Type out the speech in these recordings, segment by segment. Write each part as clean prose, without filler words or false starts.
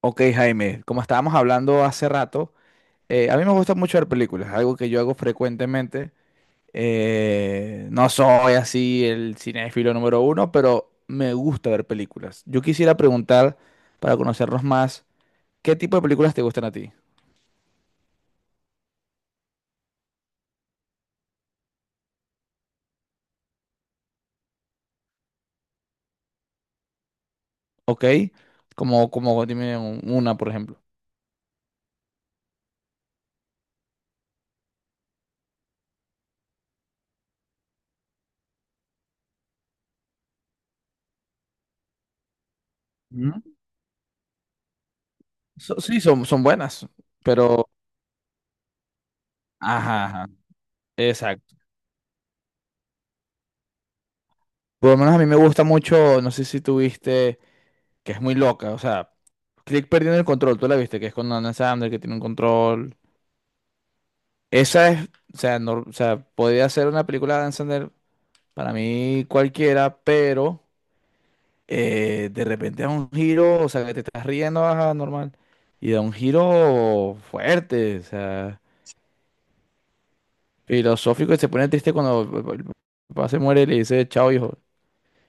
Ok, Jaime, como estábamos hablando hace rato, a mí me gusta mucho ver películas, algo que yo hago frecuentemente. No soy así el cinéfilo número uno, pero me gusta ver películas. Yo quisiera preguntar, para conocernos más, ¿qué tipo de películas te gustan a ti? ¿Ok? Como dime una, por ejemplo. ¿Mm? Sí, son buenas, pero... Ajá, ajá, exacto. Por lo menos a mí me gusta mucho, no sé si tuviste que es muy loca. O sea, Click perdiendo el control, tú la viste, que es con Adam Sandler, que tiene un control. Esa es, o sea, no, o sea, podría ser una película de Adam Sandler para mí cualquiera, pero de repente da un giro, o sea, que te estás riendo, ajá, normal, y da un giro fuerte, o sea, filosófico, y se pone triste cuando el papá se muere y le dice, chao, hijo. O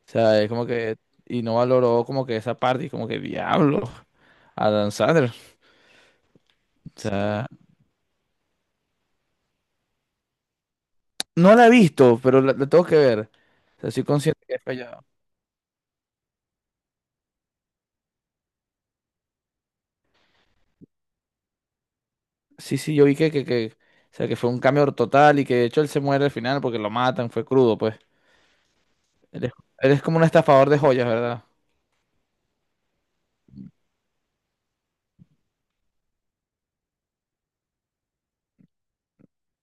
sea, es como que, y no valoró como que esa parte, y como que, diablo, Adam Sandler, o sea. No la he visto, pero la tengo que ver. O sea, soy consciente que he fallado. Sí, sí, yo vi que, o sea, que fue un cambio total y que de hecho él se muere al final porque lo matan, fue crudo, pues. Él es, él es como un estafador de joyas, ¿verdad?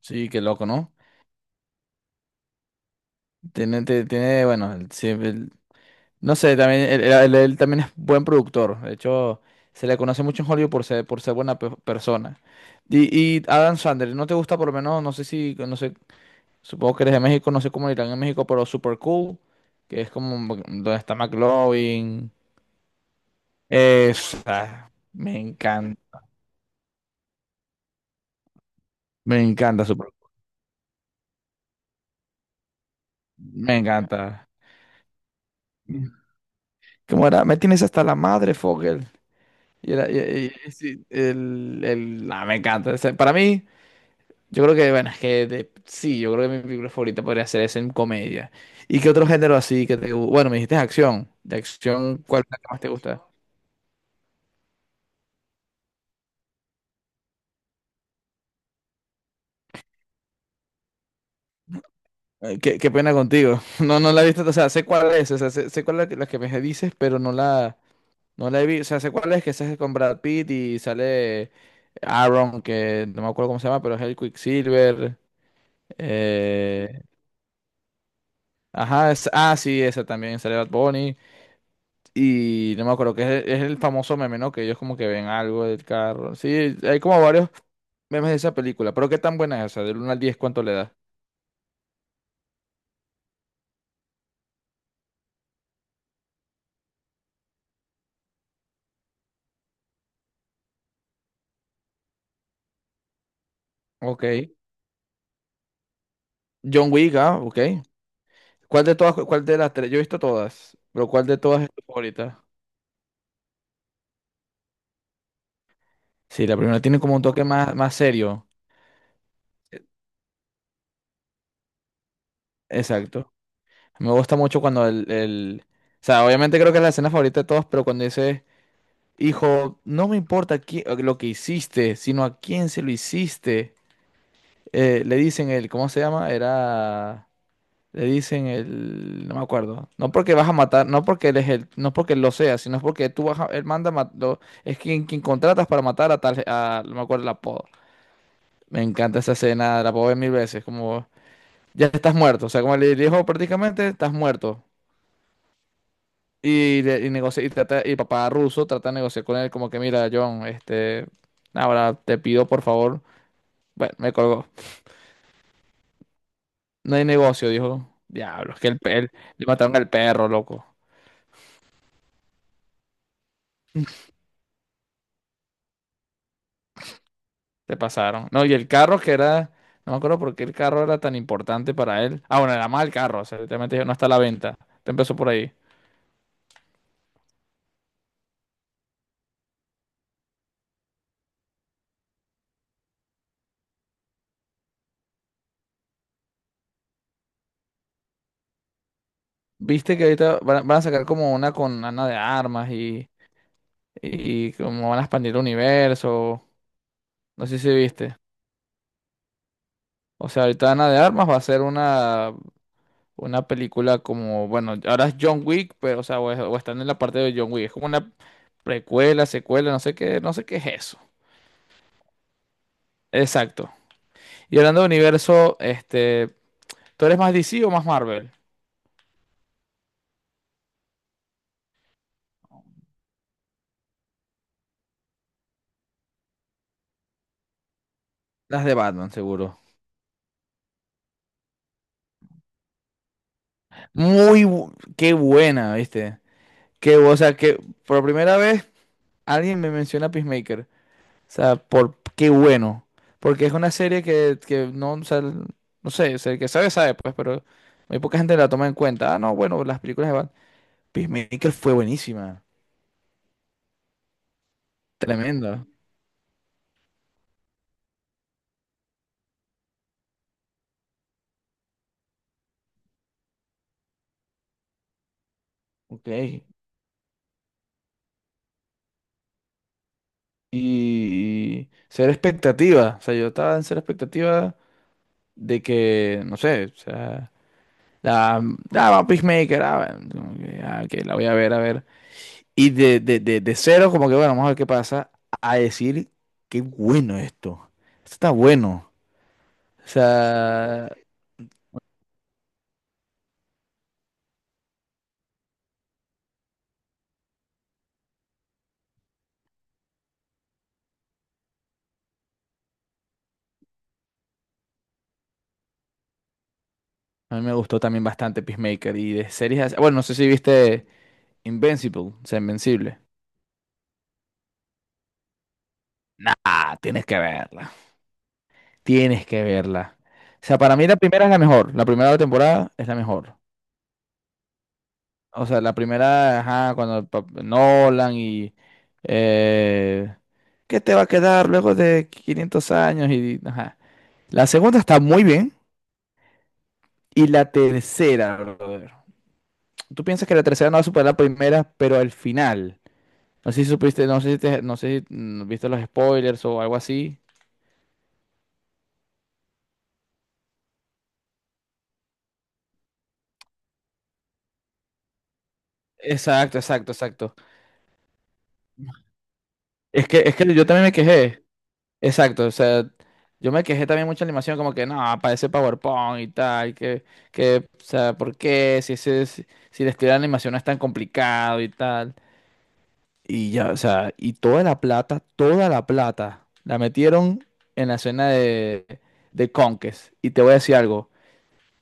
Sí, qué loco, ¿no? Tiene, tiene, bueno, él. No sé, también, él también es buen productor. De hecho, se le conoce mucho en Hollywood por ser buena persona. Y Adam Sandler, ¿no te gusta por lo menos? No sé si, no sé, supongo que eres de México, no sé cómo le irán en México, pero Super Cool, que es como donde está McLovin. Esa, me encanta Super Cool, me encanta. ¿Cómo era? Me tienes hasta la madre, Fogel. Y era, y- y sí, el, el, me encanta. O sea, para mí, yo creo que, bueno, es que sí, yo creo que mi película favorita podría ser esa en comedia. ¿Y qué otro género así que Bueno, me dijiste acción. ¿De acción cuál es la que más te gusta? Ay, qué, qué pena contigo. No, no la he visto, o sea, sé cuál es, o sea, sé, sé cuál es la que me dices, pero no la, no la he visto. O sea, sé cuál es, que esa es con Brad Pitt y sale Aaron, que no me acuerdo cómo se llama, pero es el Quicksilver. eh, ajá, ah, sí, esa también sale Bad Bunny. Y no me acuerdo, que es el famoso meme, ¿no? Que ellos como que ven algo del carro. Sí, hay como varios memes de esa película, pero qué tan buena es esa, del uno al 10 ¿cuánto le da? Ok. John Wick, ah, ok. ¿Cuál de todas, cuál de las tres? Yo he visto todas, pero ¿cuál de todas es tu favorita? Sí, la primera tiene como un toque más, más serio. Exacto. Me gusta mucho cuando el... O sea, obviamente creo que es la escena favorita de todos, pero cuando dice, hijo, no me importa lo que hiciste, sino a quién se lo hiciste. Le dicen el, ¿cómo se llama? Era... Le dicen el... No me acuerdo. No porque vas a matar, no porque él es el, no porque él lo sea, sino porque tú vas a... Él manda, es quien, quien contratas para matar a tal... A, no me acuerdo el apodo. Me encanta esa escena, la puedo ver mil veces, como ya estás muerto, o sea, como le dijo prácticamente, estás muerto. Y, papá ruso trata de negociar con él como que, mira, John, este, ahora te pido por favor, bueno, me colgó. No hay negocio, dijo. Diablo, es que le mataron al perro, loco. Te pasaron. No, y el carro que era, no me acuerdo por qué el carro era tan importante para él. Ah, bueno, era mal carro, o sea, literalmente dijo, no está a la venta. Te empezó por ahí. Viste que ahorita van a sacar como una con Ana de Armas y cómo van a expandir el universo. No sé si viste. O sea, ahorita Ana de Armas va a ser una película como, bueno, ahora es John Wick, pero, o sea, o están en la parte de John Wick. Es como una precuela, secuela, no sé qué, no sé qué es eso. Exacto. Y hablando de universo, este, ¿tú eres más DC o más Marvel? Las de Batman, seguro. Muy, qué buena, ¿viste? Qué, o sea, que por primera vez alguien me menciona Peacemaker. O sea, por qué bueno. Porque es una serie que no, o sea, no sé, o sea, el que sabe, sabe, pues, pero muy poca gente la toma en cuenta. Ah, no, bueno, las películas de Batman. Peacemaker fue buenísima. Tremenda. Ok. Y, ser expectativa. O sea, yo estaba en ser expectativa de que, no sé, o sea, la, ah, va Peacemaker, ah, bueno, como que, ah, ok, la voy a ver, a ver. Y de cero, como que, bueno, vamos a ver qué pasa, a decir, qué bueno esto. Esto está bueno. O sea, a mí me gustó también bastante Peacemaker y de series. Bueno, no sé si viste Invincible, o sea, Invencible. Nah, tienes que verla. Tienes que verla. O sea, para mí la primera es la mejor. La primera temporada es la mejor. O sea, la primera, ajá, cuando el Nolan y... eh, ¿qué te va a quedar luego de 500 años? Y, ajá. La segunda está muy bien. Y la tercera, brother. Tú piensas que la tercera no va a superar la primera, pero al final. No sé si supiste, no sé si no sé si viste los spoilers o algo así. Exacto, exacto, exacto. Es que yo también me quejé. Exacto, o sea, yo me quejé también mucha animación, como que no, parece PowerPoint y tal, o sea, ¿por qué? Si ese, si, Si el estilo de animación no es tan complicado y tal. Y ya, o sea, y toda la plata, la metieron en la escena de Conquest. Y te voy a decir algo.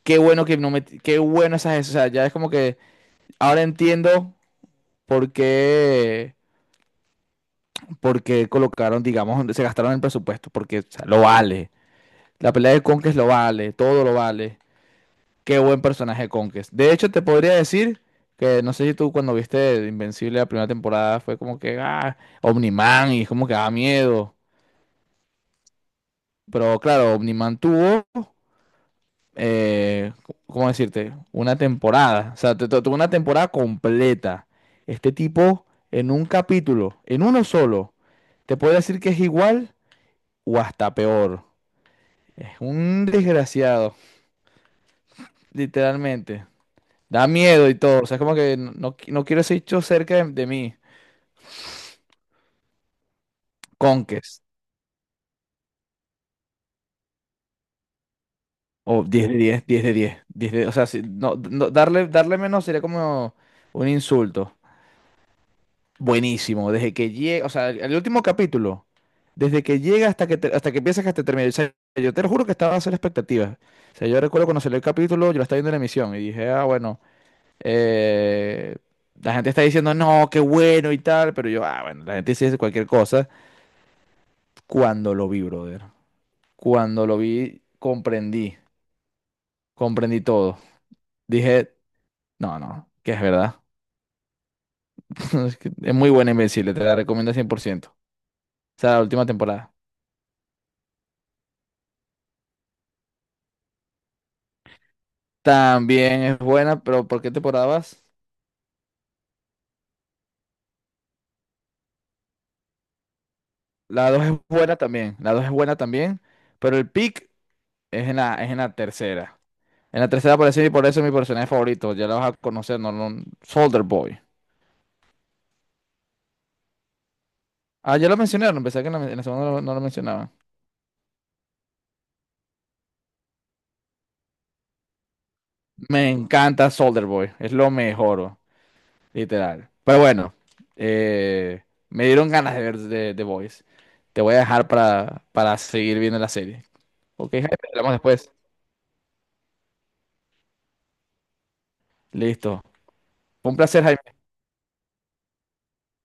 Qué bueno que no me, qué bueno esas, o sea, ya es como que ahora entiendo, porque porque colocaron, digamos, se gastaron el presupuesto, porque o sea, lo vale. La pelea de conquest lo vale, todo lo vale. Qué buen personaje conquest. De hecho, te podría decir que no sé si tú cuando viste Invencible la primera temporada fue como que, ah, Omniman y como que da miedo. Pero claro, Omniman tuvo, eh, ¿cómo decirte? Una temporada. O sea, tuvo una temporada completa. Este tipo, en un capítulo, en uno solo, te puedo decir que es igual o hasta peor. Es un desgraciado, literalmente. Da miedo y todo. O sea, es como que no, no quiero ese bicho cerca de mí. Conques. O 10 de diez, o sea, no, darle, darle menos sería como un insulto. Buenísimo. Desde que llega, o sea, el último capítulo. Desde que llega hasta que, hasta que empieza hasta que hasta termina. O sea, yo te lo juro que estaba a hacer expectativas. O sea, yo recuerdo cuando salió el capítulo, yo lo estaba viendo en la emisión y dije, ah, bueno. Eh, la gente está diciendo, no, qué bueno y tal, pero yo, ah, bueno, la gente sí dice cualquier cosa. Cuando lo vi, brother, cuando lo vi, comprendí, comprendí todo. Dije, no, no, que es verdad. Es que es muy buena Invencible, te la recomiendo 100%. O sea, la última temporada. También es buena, pero ¿por qué temporada vas? La dos es buena también, la dos es buena también, pero el pick es en la tercera. En la tercera aparece y por eso es mi personaje favorito, ya la vas a conocer, no, no, Soldier Boy. Ah, ya lo mencionaron, pensé que en la segunda no, lo no lo mencionaban. Me encanta Soldier Boy, es lo mejor, oh, literal. Pero bueno, eh, me dieron ganas de ver The Boys. Te voy a dejar para seguir viendo la serie. Ok, Jaime, hablamos después. Listo. Fue un placer, Jaime.